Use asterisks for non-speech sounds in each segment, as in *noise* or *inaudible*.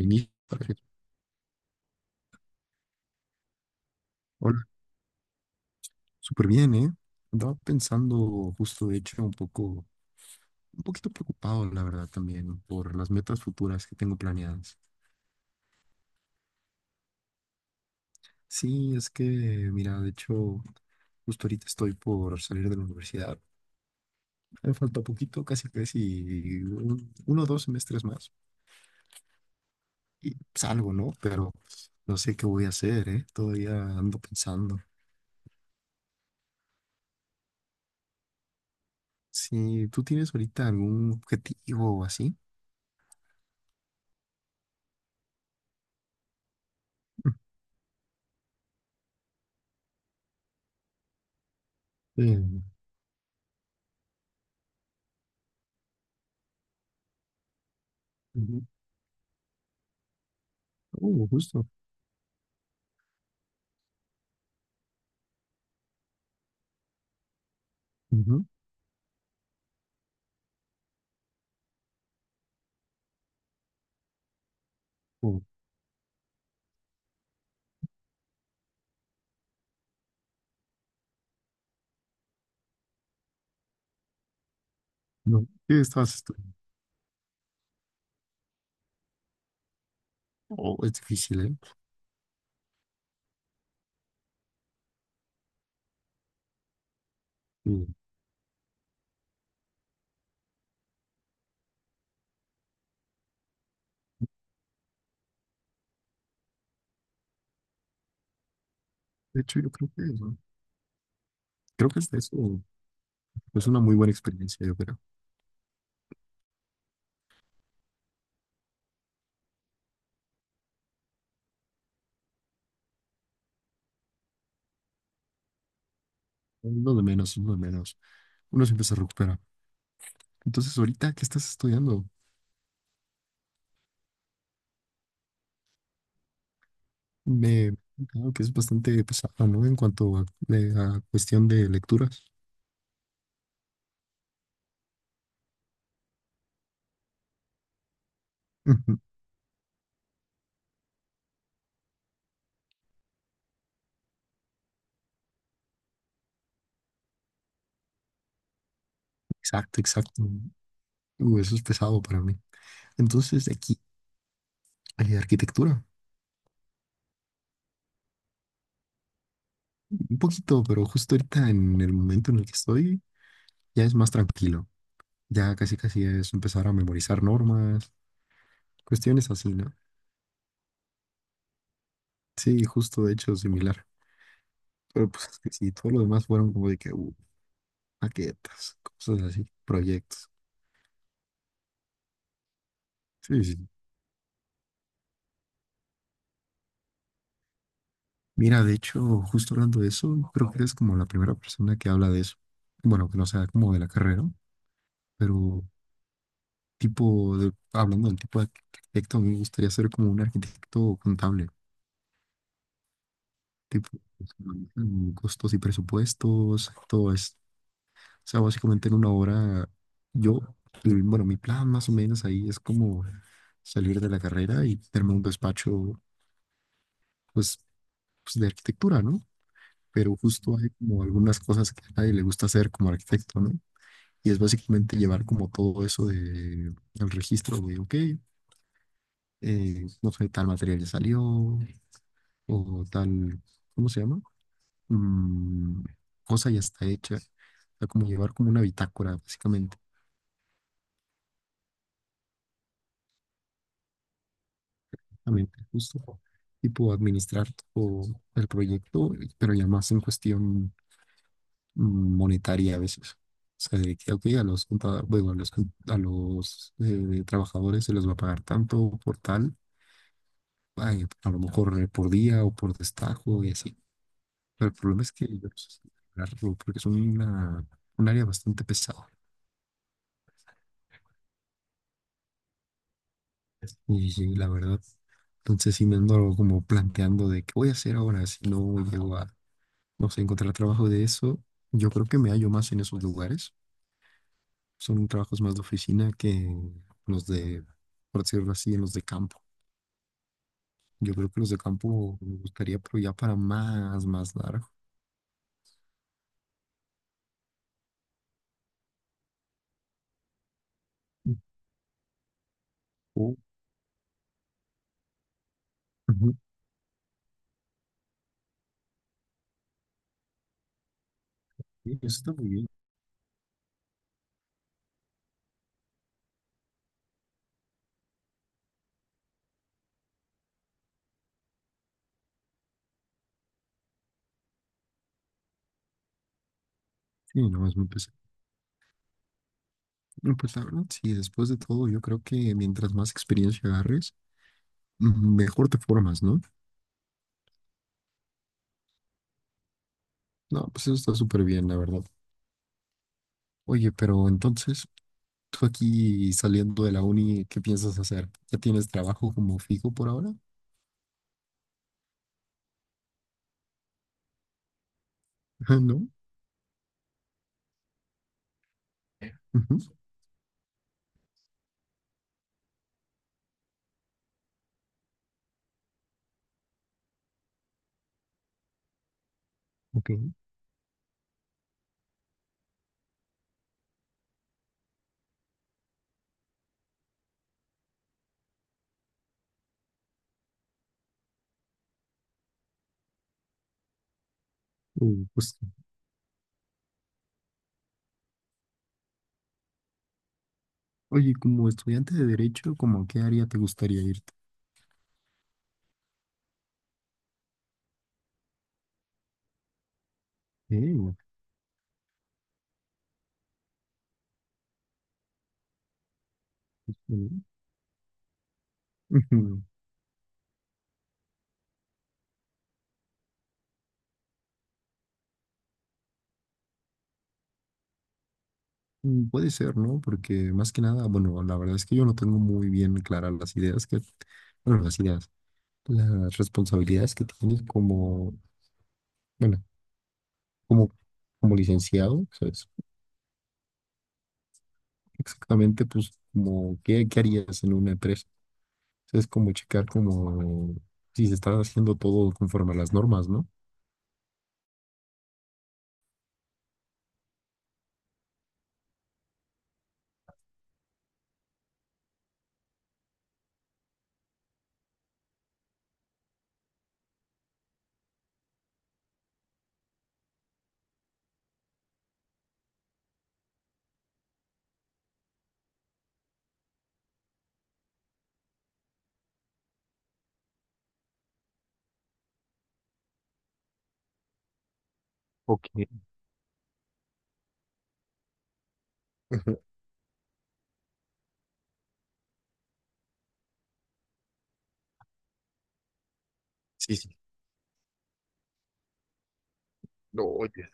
Inicio, perfecto. Hola, súper bien, ¿eh? Andaba pensando justo, de hecho, un poco, un poquito preocupado, la verdad, también por las metas futuras que tengo planeadas. Sí, es que, mira, de hecho, justo ahorita estoy por salir de la universidad. Me falta poquito, casi casi uno o dos semestres más y salgo, ¿no? Pero no sé qué voy a hacer, ¿eh? Todavía ando pensando. Si tú tienes ahorita algún objetivo o así. Eh, Ujú. Oh, justo. Ujú. Oh. No, ¿qué estabas estudiando? Oh, es difícil, ¿eh? Sí. De hecho, yo creo que eso, creo que es de eso. Es una muy buena experiencia, yo creo. Uno de menos, uno de menos. Uno siempre se recupera. Entonces, ahorita, ¿qué estás estudiando? Me Creo que es bastante pesado, ¿no? En cuanto a, a cuestión de lecturas. Ujú, exacto, exacto. Eso es pesado para mí. Entonces, de aquí, arquitectura. Un poquito, pero justo ahorita, en el momento en el que estoy, ya es más tranquilo. Ya casi casi es empezar a memorizar normas. Cuestiones así, ¿no? Sí, justo de hecho similar. Pero pues es que sí, todo lo demás fueron como de que maquetas, cosas así, proyectos. Sí, sí, sí. Mira, de hecho, justo hablando de eso, creo que eres como la primera persona que habla de eso. Bueno, que no sea como de la carrera, ¿no? Pero hablando del tipo de arquitecto, a mí me gustaría ser como un arquitecto contable, tipo pues, manejan costos y presupuestos, todo esto. O sea, básicamente en una hora, yo, bueno, mi plan más o menos ahí es como salir de la carrera y tenerme un despacho, pues, pues, de arquitectura, ¿no? Pero justo hay como algunas cosas que a nadie le gusta hacer como arquitecto, ¿no? Y es básicamente llevar como todo eso de, el registro de, ok, no sé, tal material ya salió o tal, ¿cómo se llama? Mm, Cosa ya está hecha. O sea, como llevar como una bitácora, básicamente. Exactamente, justo. Tipo administrar todo el proyecto, pero ya más en cuestión monetaria a veces. O sea, de que, ok, a los trabajadores se les va a pagar tanto por tal, ay, a lo mejor por día o por destajo y así. Pero el problema es que yo no sé si lograrlo, porque es un área bastante pesada. Y la verdad, entonces sí me ando como planteando de qué voy a hacer ahora si no llego a, no sé, encontrar trabajo de eso, yo creo que me hallo más en esos lugares. Son trabajos más de oficina que los de, por decirlo así, en los de campo. Yo creo que los de campo me gustaría, pero ya para más, más largo. Oh, ujú, sí, eso está muy bien. Sí, no, es muy pesado. No, pues la verdad, sí, después de todo, yo creo que mientras más experiencia agarres, mejor te formas, ¿no? No, pues eso está súper bien, la verdad. Oye, pero entonces, tú aquí saliendo de la uni, ¿qué piensas hacer? ¿Ya tienes trabajo como fijo por ahora? *laughs* Ajá, ¿no? Ujú, ok. Pues, oye, como estudiante de derecho, ¿cómo a qué área te gustaría irte? Eh, mm, ujú, puede ser, ¿no? Porque más que nada, bueno, la verdad es que yo no tengo muy bien claras las ideas que, bueno, las ideas, las responsabilidades que tienes como, bueno, como, como licenciado, ¿sabes? Exactamente, pues, como, ¿qué harías en una empresa? Es como checar como si se está haciendo todo conforme a las normas, ¿no? Ok. Sí, sí. No, oye.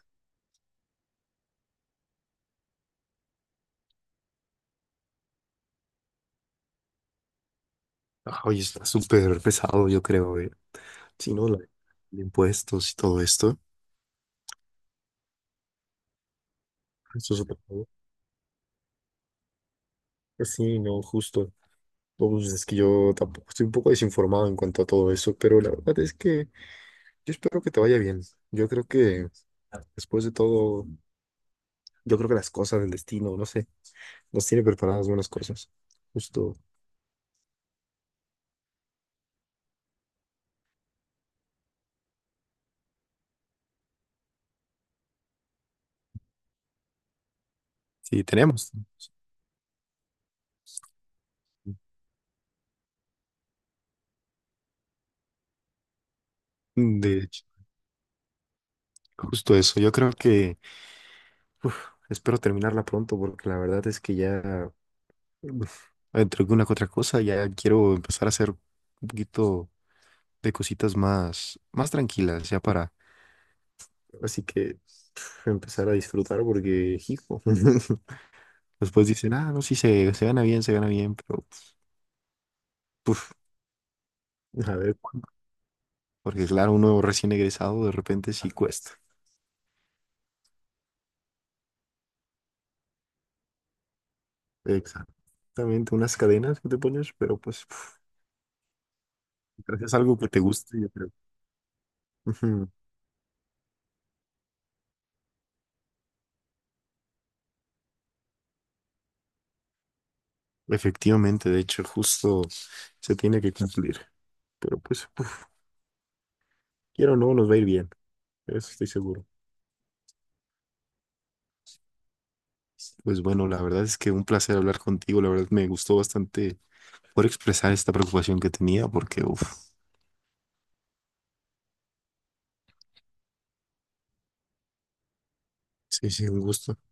Ah, oye, está súper pesado, yo creo, eh. Sí, ¿no? De impuestos y todo esto. Esto es súper pesado. Pues sí, no, justo. No, pues es que yo tampoco estoy un poco desinformado en cuanto a todo eso, pero la verdad es que yo espero que te vaya bien. Yo creo que después de todo, yo creo que las cosas del destino, no sé, nos tiene preparadas buenas cosas. Justo. Sí, tenemos. De Justo eso, yo creo que uf, espero terminarla pronto porque la verdad es que ya uf, entre una que otra cosa ya quiero empezar a hacer un poquito de cositas más, más tranquilas ya para, así que uf, empezar a disfrutar porque hijo. *laughs* Después dicen ah no sí se gana bien se gana bien pero uf, a ver cuándo, porque claro uno recién egresado de repente sí cuesta exactamente unas cadenas que te pones pero pues uf, gracias a algo que te guste yo creo. *laughs* Efectivamente, de hecho, justo se tiene que cumplir. Pero pues, uf, quiero o no, nos va a ir bien. Eso estoy seguro. Pues bueno, la verdad es que un placer hablar contigo. La verdad me gustó bastante poder expresar esta preocupación que tenía porque, uf, sí, sí, un gusto.